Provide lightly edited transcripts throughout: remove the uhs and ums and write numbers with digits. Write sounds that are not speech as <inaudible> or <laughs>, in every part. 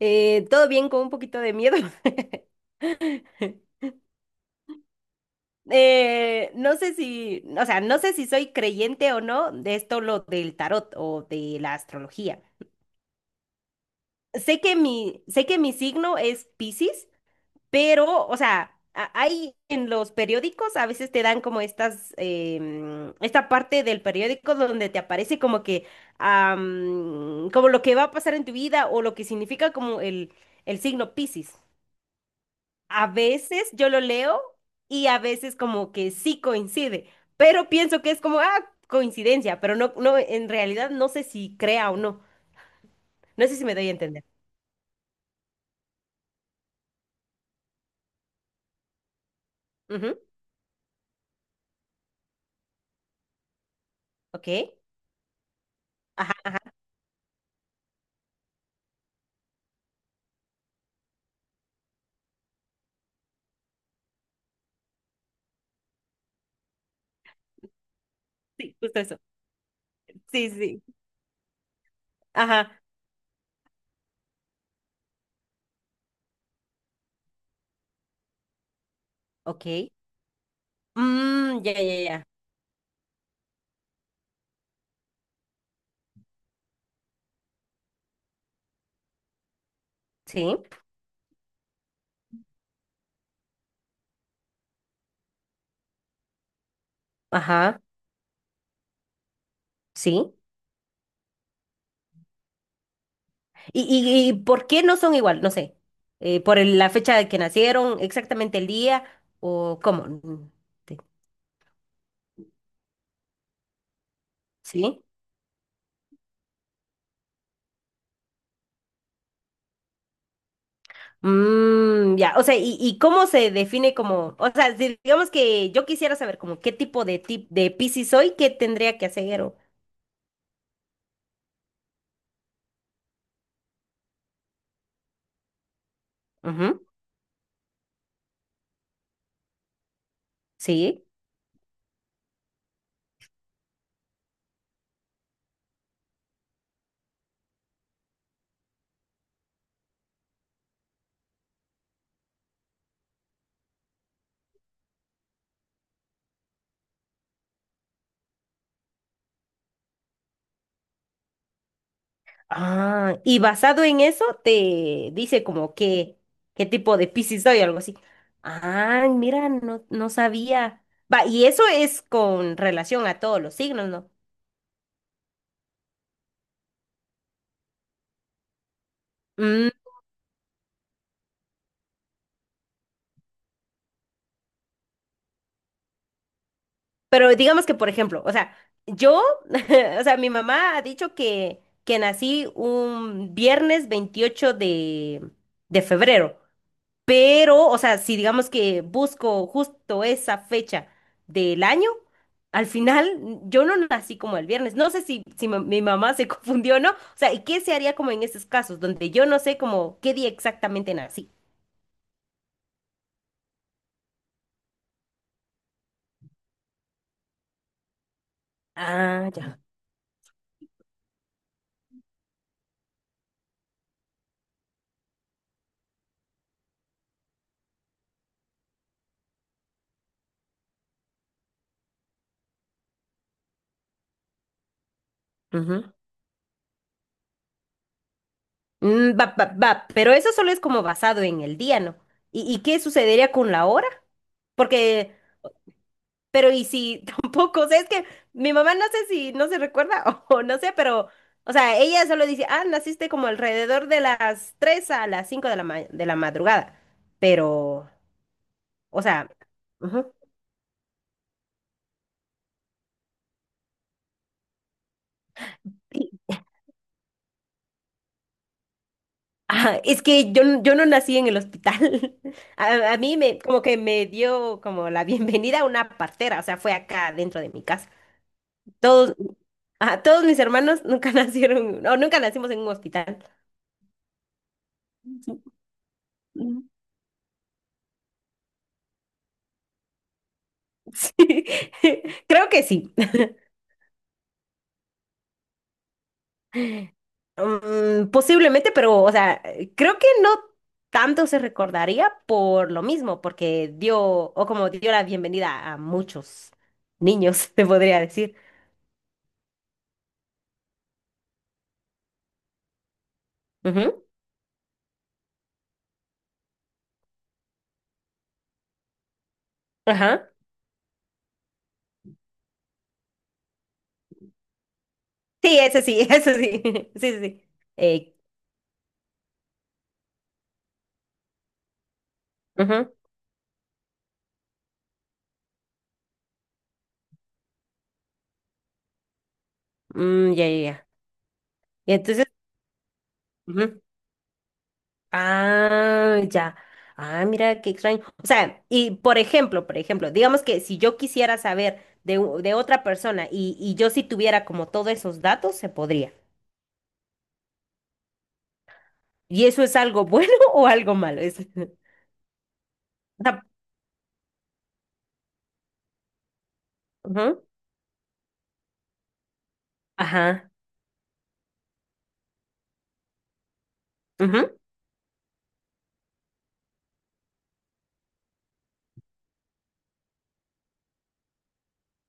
Todo bien con un poquito de miedo. <laughs> No sé si, o sea, no sé si soy creyente o no de esto lo del tarot o de la astrología. Sé que mi signo es Piscis, pero, o sea, hay en los periódicos a veces te dan como estas, esta parte del periódico donde te aparece como que, como lo que va a pasar en tu vida o lo que significa como el signo Piscis. A veces yo lo leo y a veces como que sí coincide, pero pienso que es como, coincidencia, pero no, en realidad no sé si crea o no. No sé si me doy a entender. Ujú. Ok. Ajá, sí, justo eso. Sí, sí, sí. Ajá, ok. Mm, ya, ya, ya. Sí, ajá, sí. ¿Y, y y por qué no son igual? No sé. ¿Por la fecha de que nacieron, exactamente el día o cómo? Mm, te- Sí. Mm, ya, o sea, ¿ y cómo se define como, o sea, si digamos que yo quisiera saber como qué tipo de tip de Piscis soy, qué tendría que hacer o… Ujú, sí. Ah, y basado en eso te dice como qué, qué tipo de Piscis soy, o algo así. Ah, mira, no, no sabía. Va, y eso es con relación a todos los signos, ¿no? Pero digamos que, por ejemplo, o sea, yo, <laughs> o sea, mi mamá ha dicho que nací un viernes 28 de febrero, pero, o sea, si digamos que busco justo esa fecha del año, al final yo no nací como el viernes. No sé si, si mi mamá se <laughs> confundió o no. O sea, ¿y qué se haría como en esos casos donde yo no sé como qué día exactamente nací? Ah, ya. Mm, va, va, va, pero eso solo es como basado en el día, ¿no? ¿ y qué sucedería con la hora? Porque, pero y si <laughs> tampoco, o sea, es que mi mamá no sé si no se recuerda <laughs> o, no sé, pero, o sea, ella solo dice, ah, naciste como alrededor de las 3 a las 5 de la, de la madrugada, pero, o sea, ujú. <laughs> Ah, es que yo, yo no nací en el hospital. <laughs> A mí me, como que me dio como la bienvenida a una partera, o sea, fue acá dentro de mi casa. Todos, ajá, todos mis hermanos nunca <laughs> nacieron, o nunca nacimos en un hospital. Mm, sí, <laughs> creo que sí. Mm, posiblemente, pero, o sea, creo que no tanto se recordaría por lo mismo, porque dio, o como dio la bienvenida a muchos niños, <laughs> te podría decir. Ujú. Ajá. Sí, eso sí, <laughs> eso sí. <laughs> Sí, sí, sí. Eh, ujú, mm, ya, ya, ya. Y entonces… Ah, ya. Ah, mira qué extraño. O sea, y por ejemplo, digamos que si yo quisiera saber de, de otra persona y yo si tuviera como todos esos datos, se podría. ¿Y eso es algo bueno <laughs> o algo malo? <laughs> O sea, ujú, ajá. Ujú.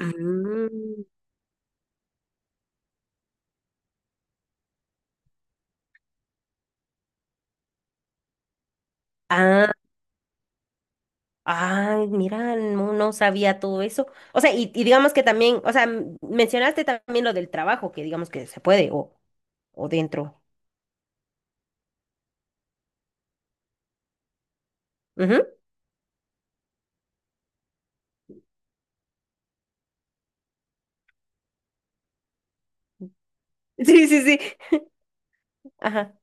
Mm. Ah, ay, mira, no, no sabía todo eso. O sea, y digamos que también, o sea, mencionaste también lo del trabajo, que digamos que se puede o dentro. Ujú. <laughs> Sí, sí, sí. Ajá.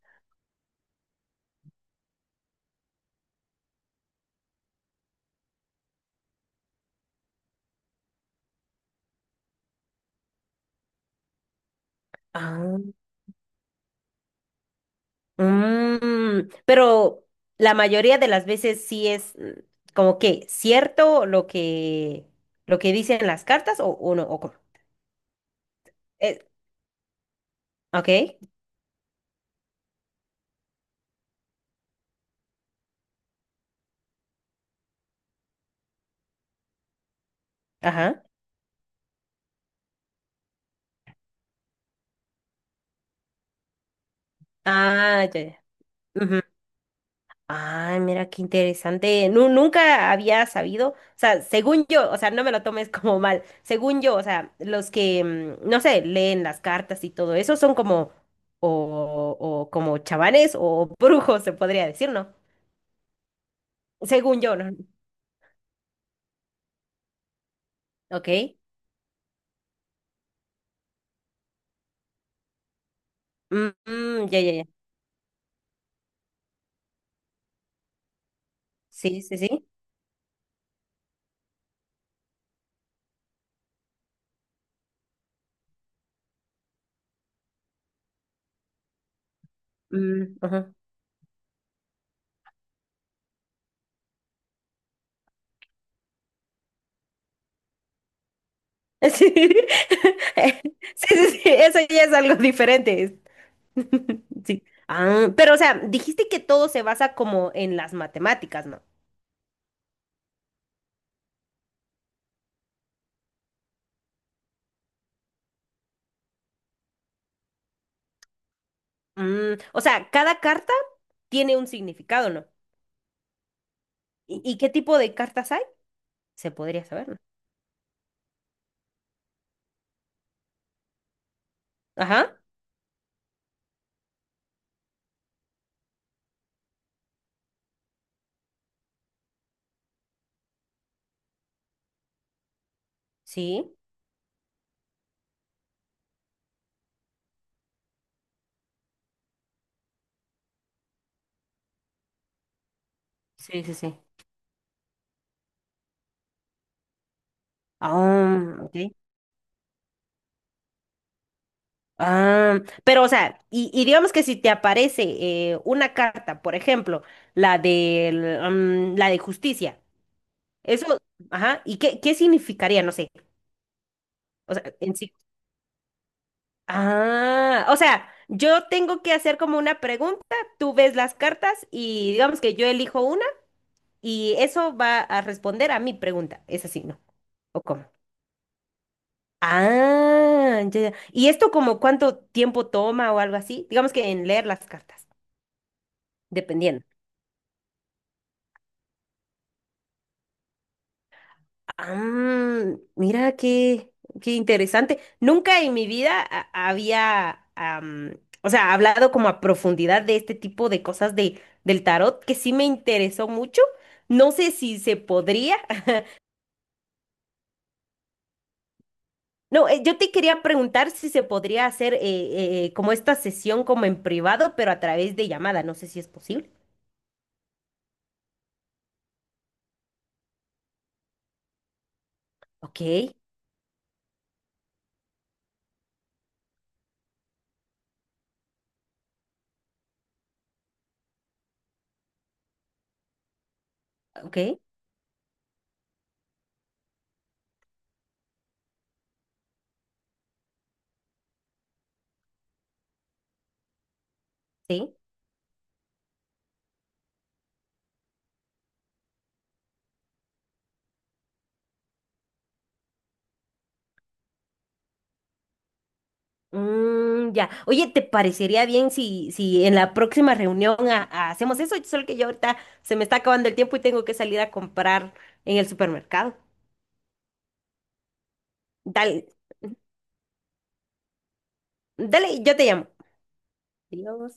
Ah, mm, pero la mayoría de las veces sí es mm, como que cierto lo que dicen las cartas o no o cómo. Eh, ok, ajá. Ah, ya, ya. Ujú. Ay, mira qué interesante. Nunca había sabido, o sea, según yo, o sea, no me lo tomes como mal. Según yo, o sea, los que, mm, no sé, leen las cartas y todo eso son como, o como chamanes o <laughs> brujos, se podría decir, ¿no? Según yo, ¿no? Ok. Mm, mm, ya, ya, ya. Sí, sí, sí. Mm, ajá. <laughs> Sí. <laughs> Sí, sí, sí, eso ya es algo diferente. <laughs> Sí. Ah, pero, o sea, dijiste que todo se basa como en las matemáticas, ¿no? Mm, o sea, cada carta tiene un significado, ¿no? ¿ y qué tipo de cartas hay? Se podría saber, ¿no? Ajá. Sí. Sí, sí, sí. Ah, ok. Ah, pero o sea, y digamos que si te aparece una carta, por ejemplo, la de la de justicia, eso, ajá, ¿y qué, qué significaría? No sé, o sea, en sí. Ah, o sea, yo tengo que hacer como una pregunta, tú ves las cartas y digamos que yo elijo una y eso va a responder a mi pregunta, es así, ¿no? ¿O cómo? Ah, ya, ya. ¿Y esto como cuánto tiempo toma o algo así? Digamos que en leer las cartas, dependiendo… Ah, mira qué, qué interesante. Nunca en mi vida había, am, o sea, hablado como a profundidad de este tipo de cosas de, del tarot, que sí me interesó mucho. No sé si se podría. <laughs> No, yo te quería preguntar si se podría hacer como esta sesión como en privado, pero a través de llamada. No sé si es posible. Ok, ok, sí. Mm, ya. Oye, ¿te parecería bien si, si en la próxima reunión hacemos eso? Solo que yo ahorita se me está acabando el tiempo y tengo que salir a comprar en el supermercado. Dale, dale, yo te llamo. Adiós.